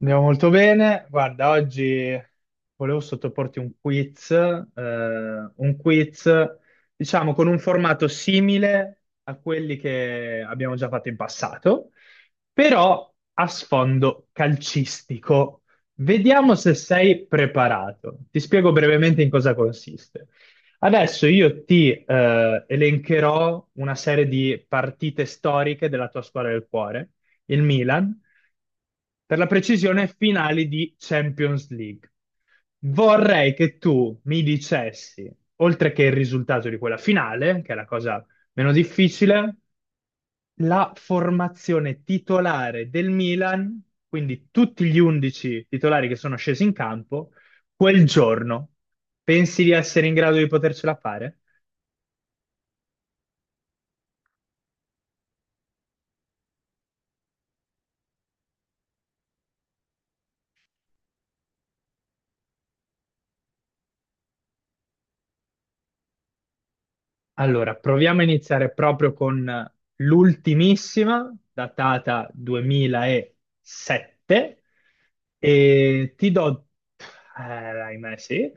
Andiamo molto bene. Guarda, oggi volevo sottoporti un quiz, un quiz, diciamo, con un formato simile a quelli che abbiamo già fatto in passato, però a sfondo calcistico. Vediamo se sei preparato. Ti spiego brevemente in cosa consiste. Adesso io ti elencherò una serie di partite storiche della tua squadra del cuore, il Milan per la precisione, finali di Champions League. Vorrei che tu mi dicessi, oltre che il risultato di quella finale, che è la cosa meno difficile, la formazione titolare del Milan, quindi tutti gli 11 titolari che sono scesi in campo quel giorno. Pensi di essere in grado di potercela fare? Allora, proviamo a iniziare proprio con l'ultimissima, datata 2007, e ti do, ahimè, sì,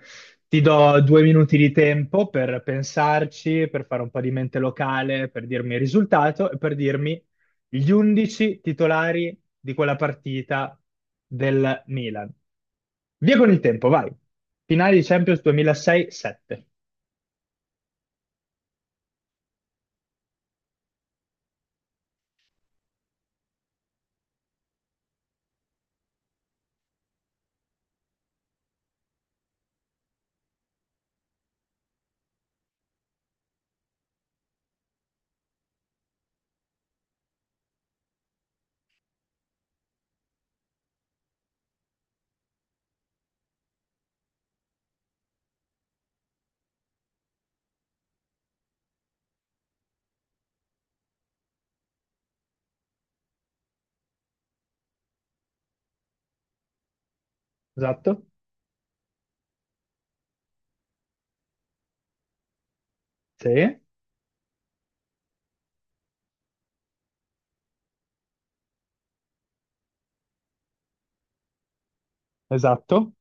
ti do 2 minuti di tempo per pensarci, per fare un po' di mente locale, per dirmi il risultato e per dirmi gli 11 titolari di quella partita del Milan. Via con il tempo, vai. Finale di Champions 2006-7. Esatto? Sì, esatto.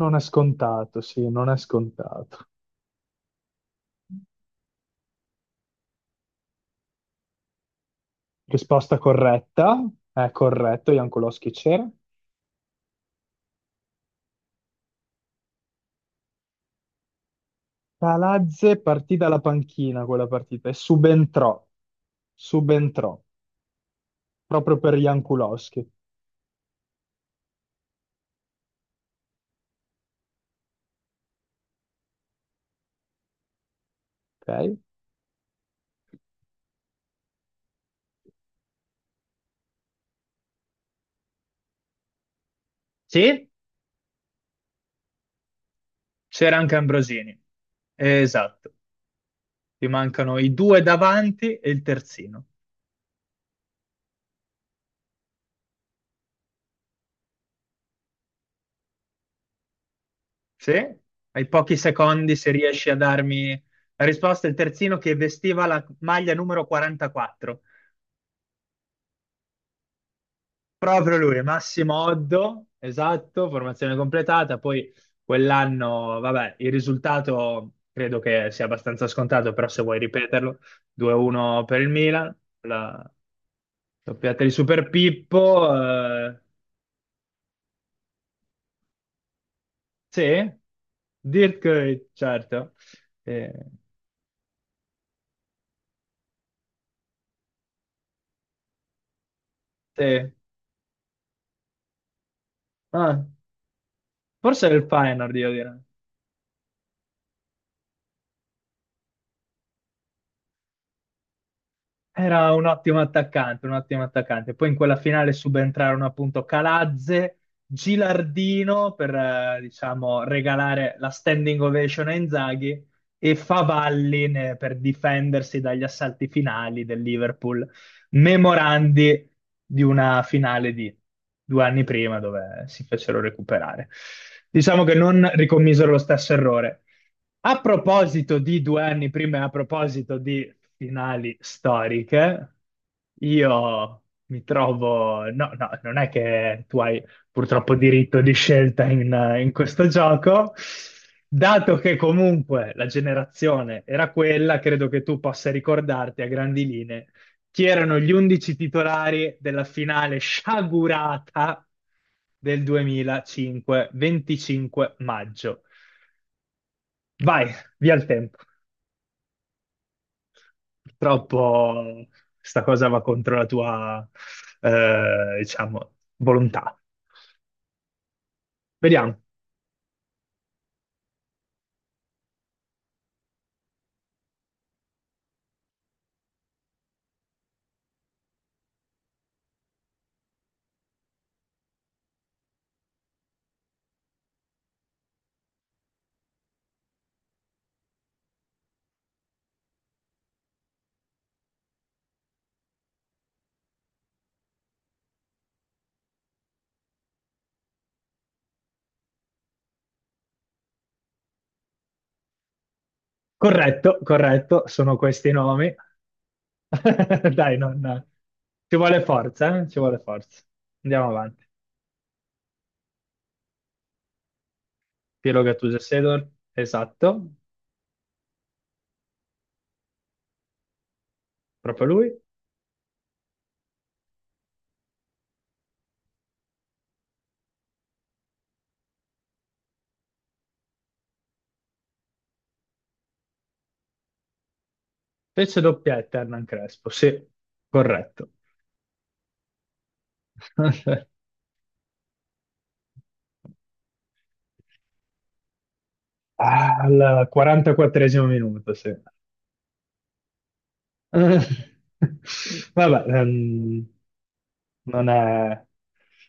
Non è scontato, sì, non è scontato. Risposta corretta, è corretto, Jankowski c'era. Palazze partì dalla panchina quella partita e subentrò, proprio per Jankulowski. Ok? Sì, c'era anche Ambrosini. Esatto, ti mancano i due davanti e il terzino. Sì, ai pochi secondi se riesci a darmi la risposta, il terzino che vestiva la maglia numero 44. Proprio lui, Massimo Oddo, esatto, formazione completata. Poi quell'anno, vabbè, il risultato credo che sia abbastanza scontato, però se vuoi ripeterlo, 2-1 per il Milan, la doppiata di Super Pippo, sì, Dirk, certo, eh, sì. Ah, forse è il Feyenoord, io direi. Era un ottimo attaccante, un ottimo attaccante. Poi in quella finale subentrarono appunto Calazze, Gilardino per, diciamo, regalare la standing ovation a Inzaghi e Favalli per difendersi dagli assalti finali del Liverpool, memorandi di una finale di 2 anni prima dove si fecero recuperare. Diciamo che non ricommisero lo stesso errore. A proposito di 2 anni prima, e a proposito di finali storiche, io mi trovo. No, no, non è che tu hai purtroppo diritto di scelta in questo gioco. Dato che comunque la generazione era quella, credo che tu possa ricordarti a grandi linee chi erano gli 11 titolari della finale sciagurata del 2005, 25 maggio. Vai, via il tempo. Purtroppo sta cosa va contro la tua, diciamo, volontà. Vediamo. Corretto, corretto, sono questi i nomi. Dai, non... Ci vuole forza, eh? Ci vuole forza. Andiamo avanti. Piero Gattuso e Sedor, esatto, proprio lui. Fece doppietta Hernan Crespo, sì, corretto. Al 44esimo minuto, sì. Eh, Vabbè, non è,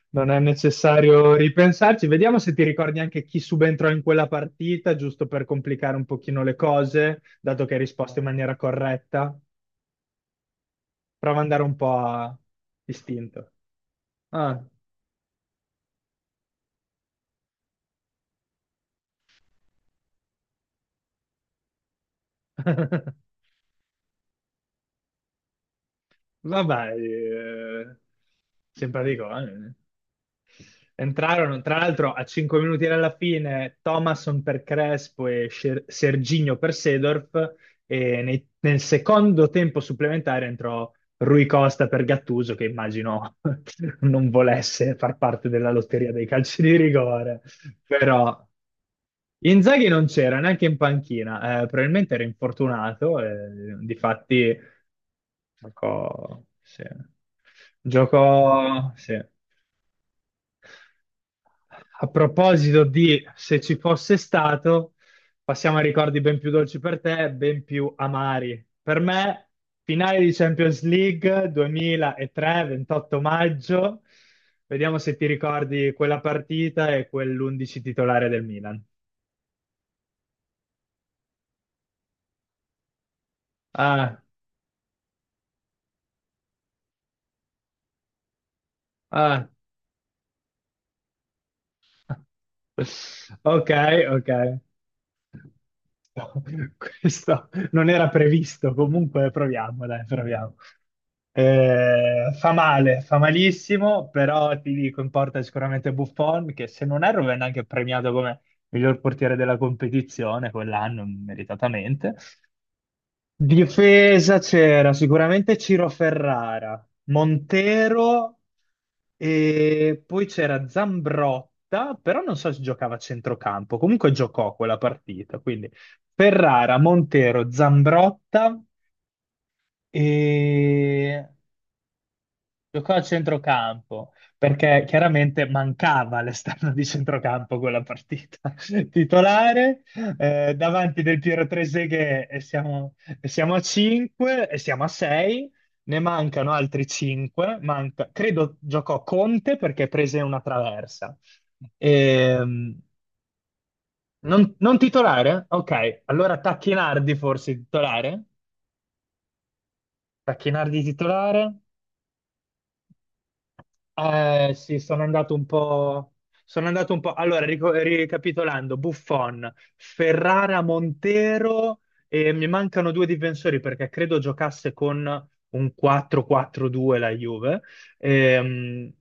non è necessario ripensarci. Vediamo se ti ricordi anche chi subentrò in quella partita, giusto per complicare un pochino le cose, dato che hai risposto in maniera corretta. Prova ad andare un po' a istinto. Ah. Vabbè, simpatico, eh. Entrarono, tra l'altro, a 5 minuti dalla fine, Thomasson per Crespo e Serginho per Seedorf, e nel secondo tempo supplementare entrò Rui Costa per Gattuso, che immagino non volesse far parte della lotteria dei calci di rigore, però... Inzaghi non c'era neanche in panchina, probabilmente era infortunato, difatti giocò, sì. Giocò, sì. A proposito di se ci fosse stato, passiamo a ricordi ben più dolci per te, ben più amari. Per me, finale di Champions League 2003, 28 maggio. Vediamo se ti ricordi quella partita e quell'11 titolare del Milan. Ah, ah, Ok, ok. Questo non era previsto, comunque proviamo, dai, proviamo. Fa male, fa malissimo, però ti dico, in porta sicuramente Buffon, che se non erro venne anche premiato come miglior portiere della competizione quell'anno, meritatamente. Difesa c'era sicuramente Ciro Ferrara, Montero e poi c'era Zambrotta, però non so se giocava a centrocampo, comunque giocò quella partita, quindi Ferrara, Montero, Zambrotta e giocò a centrocampo perché chiaramente mancava l'esterno di centrocampo quella partita titolare. Davanti del Piero Treseghe e siamo, a 5 e siamo a 6, ne mancano altri 5. Manca, credo giocò Conte perché prese una traversa. Ehm, non titolare? Ok, allora Tacchinardi forse titolare? Tacchinardi titolare? Sì, sono andato un po'. Sono andato un po'. Allora, ricapitolando, Buffon, Ferrara, Montero e mi mancano due difensori perché credo giocasse con un 4-4-2 la Juve. Ehm,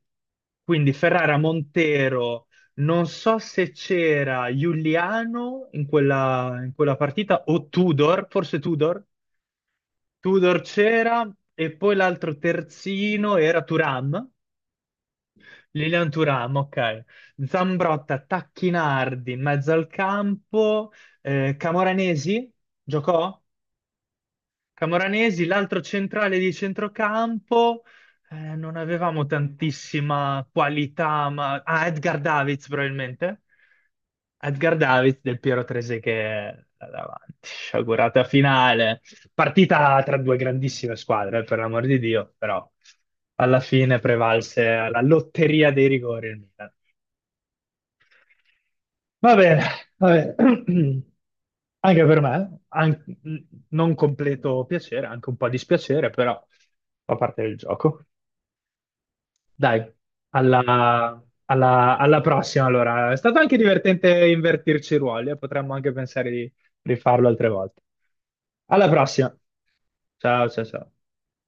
quindi Ferrara, Montero, non so se c'era Giuliano in quella partita o Tudor, forse Tudor. Tudor c'era e poi l'altro terzino era Turam Lilian Thuram, ok. Zambrotta, Tacchinardi in mezzo al campo, Camoranesi giocò? Camoranesi, l'altro centrale di centrocampo, non avevamo tantissima qualità. Ah, Edgar Davids probabilmente. Edgar Davids del Piero Trese che è là davanti, sciagurata finale. Partita tra due grandissime squadre, per l'amor di Dio, però alla fine prevalse la lotteria dei rigori il Milan. Va bene, va bene. Anche per me, non completo piacere, anche un po' dispiacere, però fa parte del gioco. Dai, alla prossima allora. È stato anche divertente invertirci i ruoli, e potremmo anche pensare di rifarlo altre volte. Alla prossima. Ciao, ciao, ciao.